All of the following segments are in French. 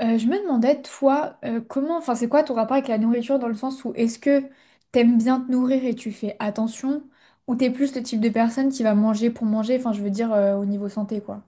Je me demandais, toi, comment, enfin, c'est quoi ton rapport avec la nourriture dans le sens où est-ce que t'aimes bien te nourrir et tu fais attention, ou t'es plus le type de personne qui va manger pour manger, enfin, je veux dire, au niveau santé, quoi.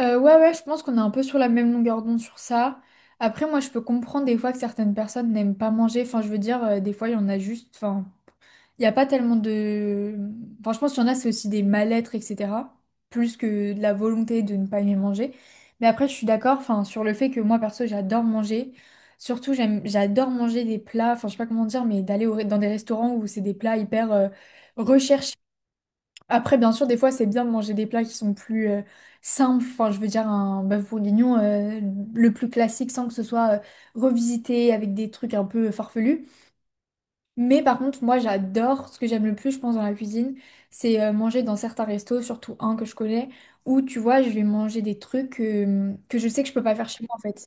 Ouais, ouais, je pense qu'on est un peu sur la même longueur d'onde sur ça. Après, moi, je peux comprendre des fois que certaines personnes n'aiment pas manger, enfin, je veux dire, des fois, il y en a juste, enfin. Il n'y a pas tellement de. Enfin, je pense qu'il y en a, c'est aussi des mal-être, etc. Plus que de la volonté de ne pas aimer manger. Mais après, je suis d'accord, enfin, sur le fait que moi, perso, j'adore manger. Surtout, j'adore manger des plats, enfin, je sais pas comment dire, mais d'aller dans des restaurants où c'est des plats hyper recherchés. Après, bien sûr, des fois, c'est bien de manger des plats qui sont plus simples. Enfin, je veux dire, un bœuf bourguignon, le plus classique, sans que ce soit revisité avec des trucs un peu farfelus. Mais par contre, moi j'adore, ce que j'aime le plus, je pense, dans la cuisine, c'est manger dans certains restos, surtout un que je connais, où tu vois, je vais manger des trucs que je sais que je peux pas faire chez moi en fait.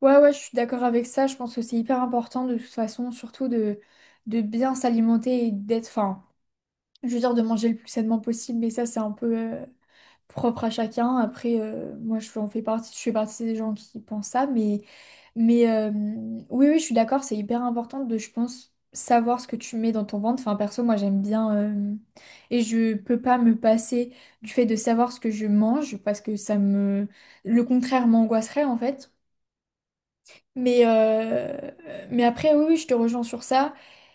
Ouais, ouais, je suis d'accord avec ça, je pense que c'est hyper important de toute façon, surtout de, bien s'alimenter et d'être, enfin, je veux dire de manger le plus sainement possible, mais ça, c'est un peu propre à chacun. Après, moi, je j'en fais partie, je fais partie des gens qui pensent ça, mais, mais euh, oui, oui, je suis d'accord, c'est hyper important de, je pense, savoir ce que tu mets dans ton ventre. Enfin, perso, moi, j'aime bien et je peux pas me passer du fait de savoir ce que je mange parce que le contraire m'angoisserait en fait. Mais, euh, mais après, oui, oui, je te rejoins sur ça.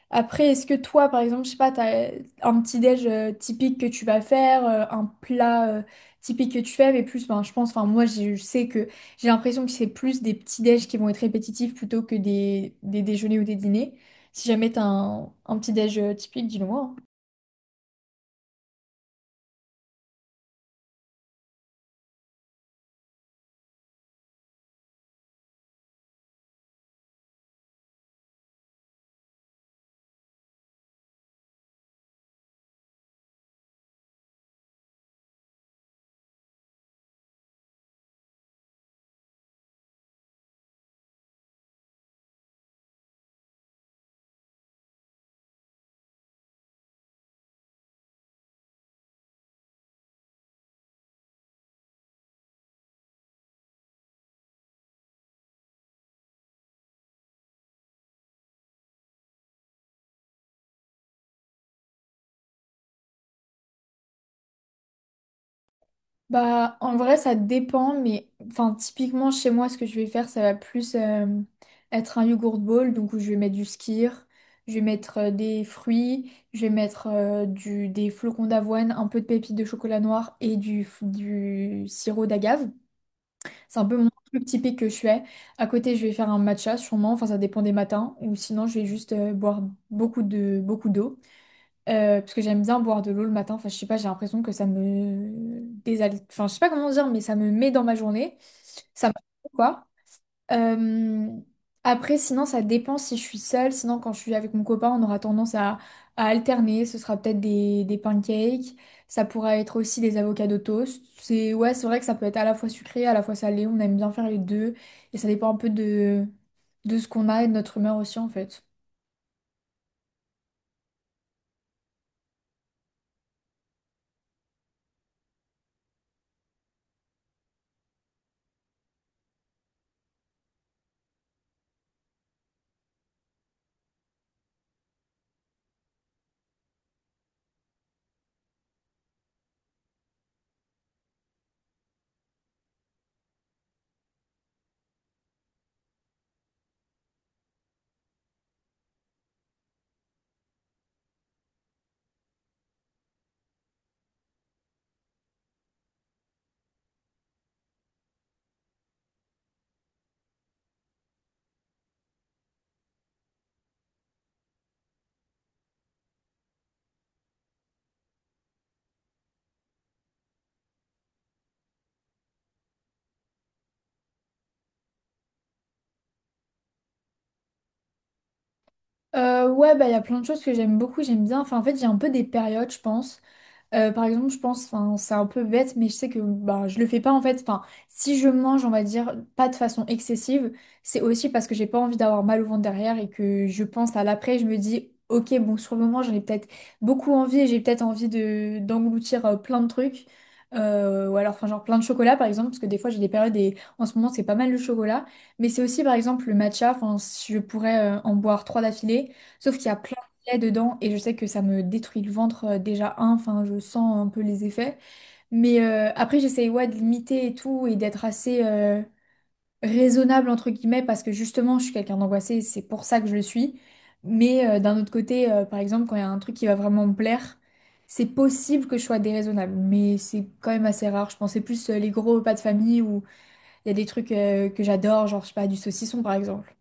Après, est-ce que toi, par exemple, je sais pas, t'as un petit déj typique que tu vas faire, un plat typique que tu fais, mais plus, ben, je pense, enfin, moi, je sais que j'ai l'impression que c'est plus des petits déj qui vont être répétitifs plutôt que des, déjeuners ou des dîners. Si jamais t'as un, petit déj typique, dis-le moi, hein. Bah, en vrai, ça dépend, mais enfin, typiquement chez moi, ce que je vais faire, ça va plus être un yogurt bowl, donc où je vais mettre du skyr, je vais mettre des fruits, je vais mettre des flocons d'avoine, un peu de pépites de chocolat noir et du sirop d'agave. C'est un peu mon truc typique que je fais. À côté, je vais faire un matcha sûrement, enfin, ça dépend des matins, ou sinon, je vais juste boire beaucoup d'eau. Parce que j'aime bien boire de l'eau le matin. Enfin, je sais pas, j'ai l'impression que ça me désalite. Enfin, je sais pas comment dire, mais ça me met dans ma journée. Ça me quoi. Euh, Après sinon, ça dépend si je suis seule. Sinon, quand je suis avec mon copain, on aura tendance à, alterner. Ce sera peut-être des, pancakes. Ça pourra être aussi des avocats de toast. C'est, ouais, c'est vrai que ça peut être à la fois sucré, à la fois salé. On aime bien faire les deux. Et ça dépend un peu de ce qu'on a et de notre humeur aussi, en fait. Ouais, bah, il y a plein de choses que j'aime beaucoup, j'aime bien. Enfin, en fait, j'ai un peu des périodes, je pense. Par exemple, je pense, enfin, c'est un peu bête, mais je sais que bah, je le fais pas en fait. Enfin, si je mange, on va dire, pas de façon excessive, c'est aussi parce que j'ai pas envie d'avoir mal au ventre derrière et que je pense à l'après, je me dis, ok, bon, sur le moment, j'en ai peut-être beaucoup envie et j'ai peut-être envie de d'engloutir plein de trucs. Ou alors, enfin, genre plein de chocolat par exemple, parce que des fois j'ai des périodes et en ce moment c'est pas mal le chocolat, mais c'est aussi par exemple le matcha, enfin, je pourrais en boire trois d'affilée. Sauf qu'il y a plein là-dedans et je sais que ça me détruit le ventre déjà un, enfin je sens un peu les effets. Mais après j'essaye ouais, de limiter et tout et d'être assez raisonnable entre guillemets parce que justement je suis quelqu'un d'angoissé c'est pour ça que je le suis. Mais d'un autre côté, par exemple, quand il y a un truc qui va vraiment me plaire, c'est possible que je sois déraisonnable, mais c'est quand même assez rare. Je pensais plus les gros repas de famille où il y a des trucs que j'adore, genre je sais pas, du saucisson par exemple.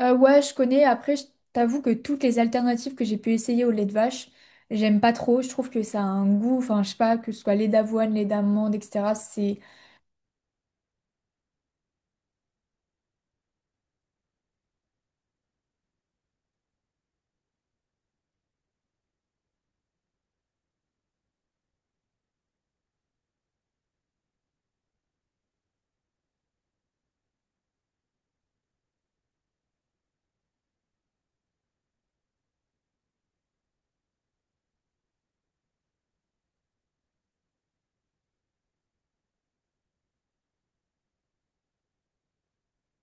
Ouais, je connais. Après, je t'avoue que toutes les alternatives que j'ai pu essayer au lait de vache, j'aime pas trop. Je trouve que ça a un goût, enfin, je sais pas, que ce soit lait d'avoine, lait d'amande, etc.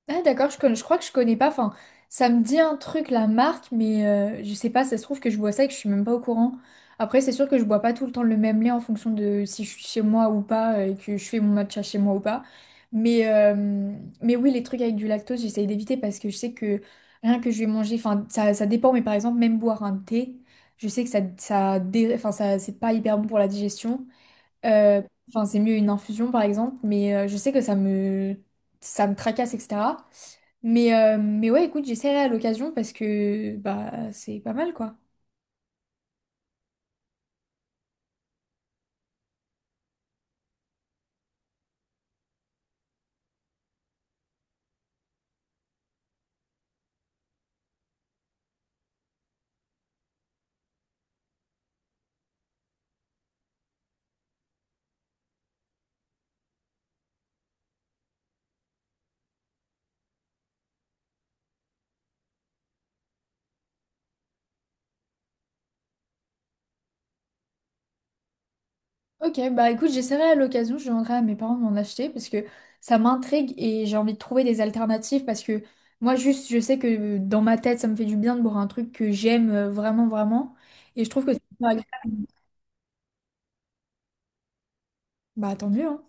Ah d'accord, je crois que je connais pas. Enfin, ça me dit un truc la marque, mais je sais pas. Ça se trouve que je bois ça et que je suis même pas au courant. Après, c'est sûr que je bois pas tout le temps le même lait en fonction de si je suis chez moi ou pas et que je fais mon matcha chez moi ou pas. Mais euh, mais oui, les trucs avec du lactose, j'essaye d'éviter parce que je sais que rien que je vais manger, enfin ça dépend. Mais par exemple, même boire un thé, je sais que enfin ça c'est pas hyper bon pour la digestion. Euh, Enfin, c'est mieux une infusion, par exemple, mais je sais que ça me tracasse, etc. Mais ouais, écoute, j'essaierai à l'occasion parce que bah, c'est pas mal, quoi. Ok, bah écoute, j'essaierai à l'occasion, je demanderai à mes parents de m'en acheter parce que ça m'intrigue et j'ai envie de trouver des alternatives parce que moi juste je sais que dans ma tête ça me fait du bien de boire un truc que j'aime vraiment vraiment et je trouve que c'est pas agréable. Bah tant mieux, hein.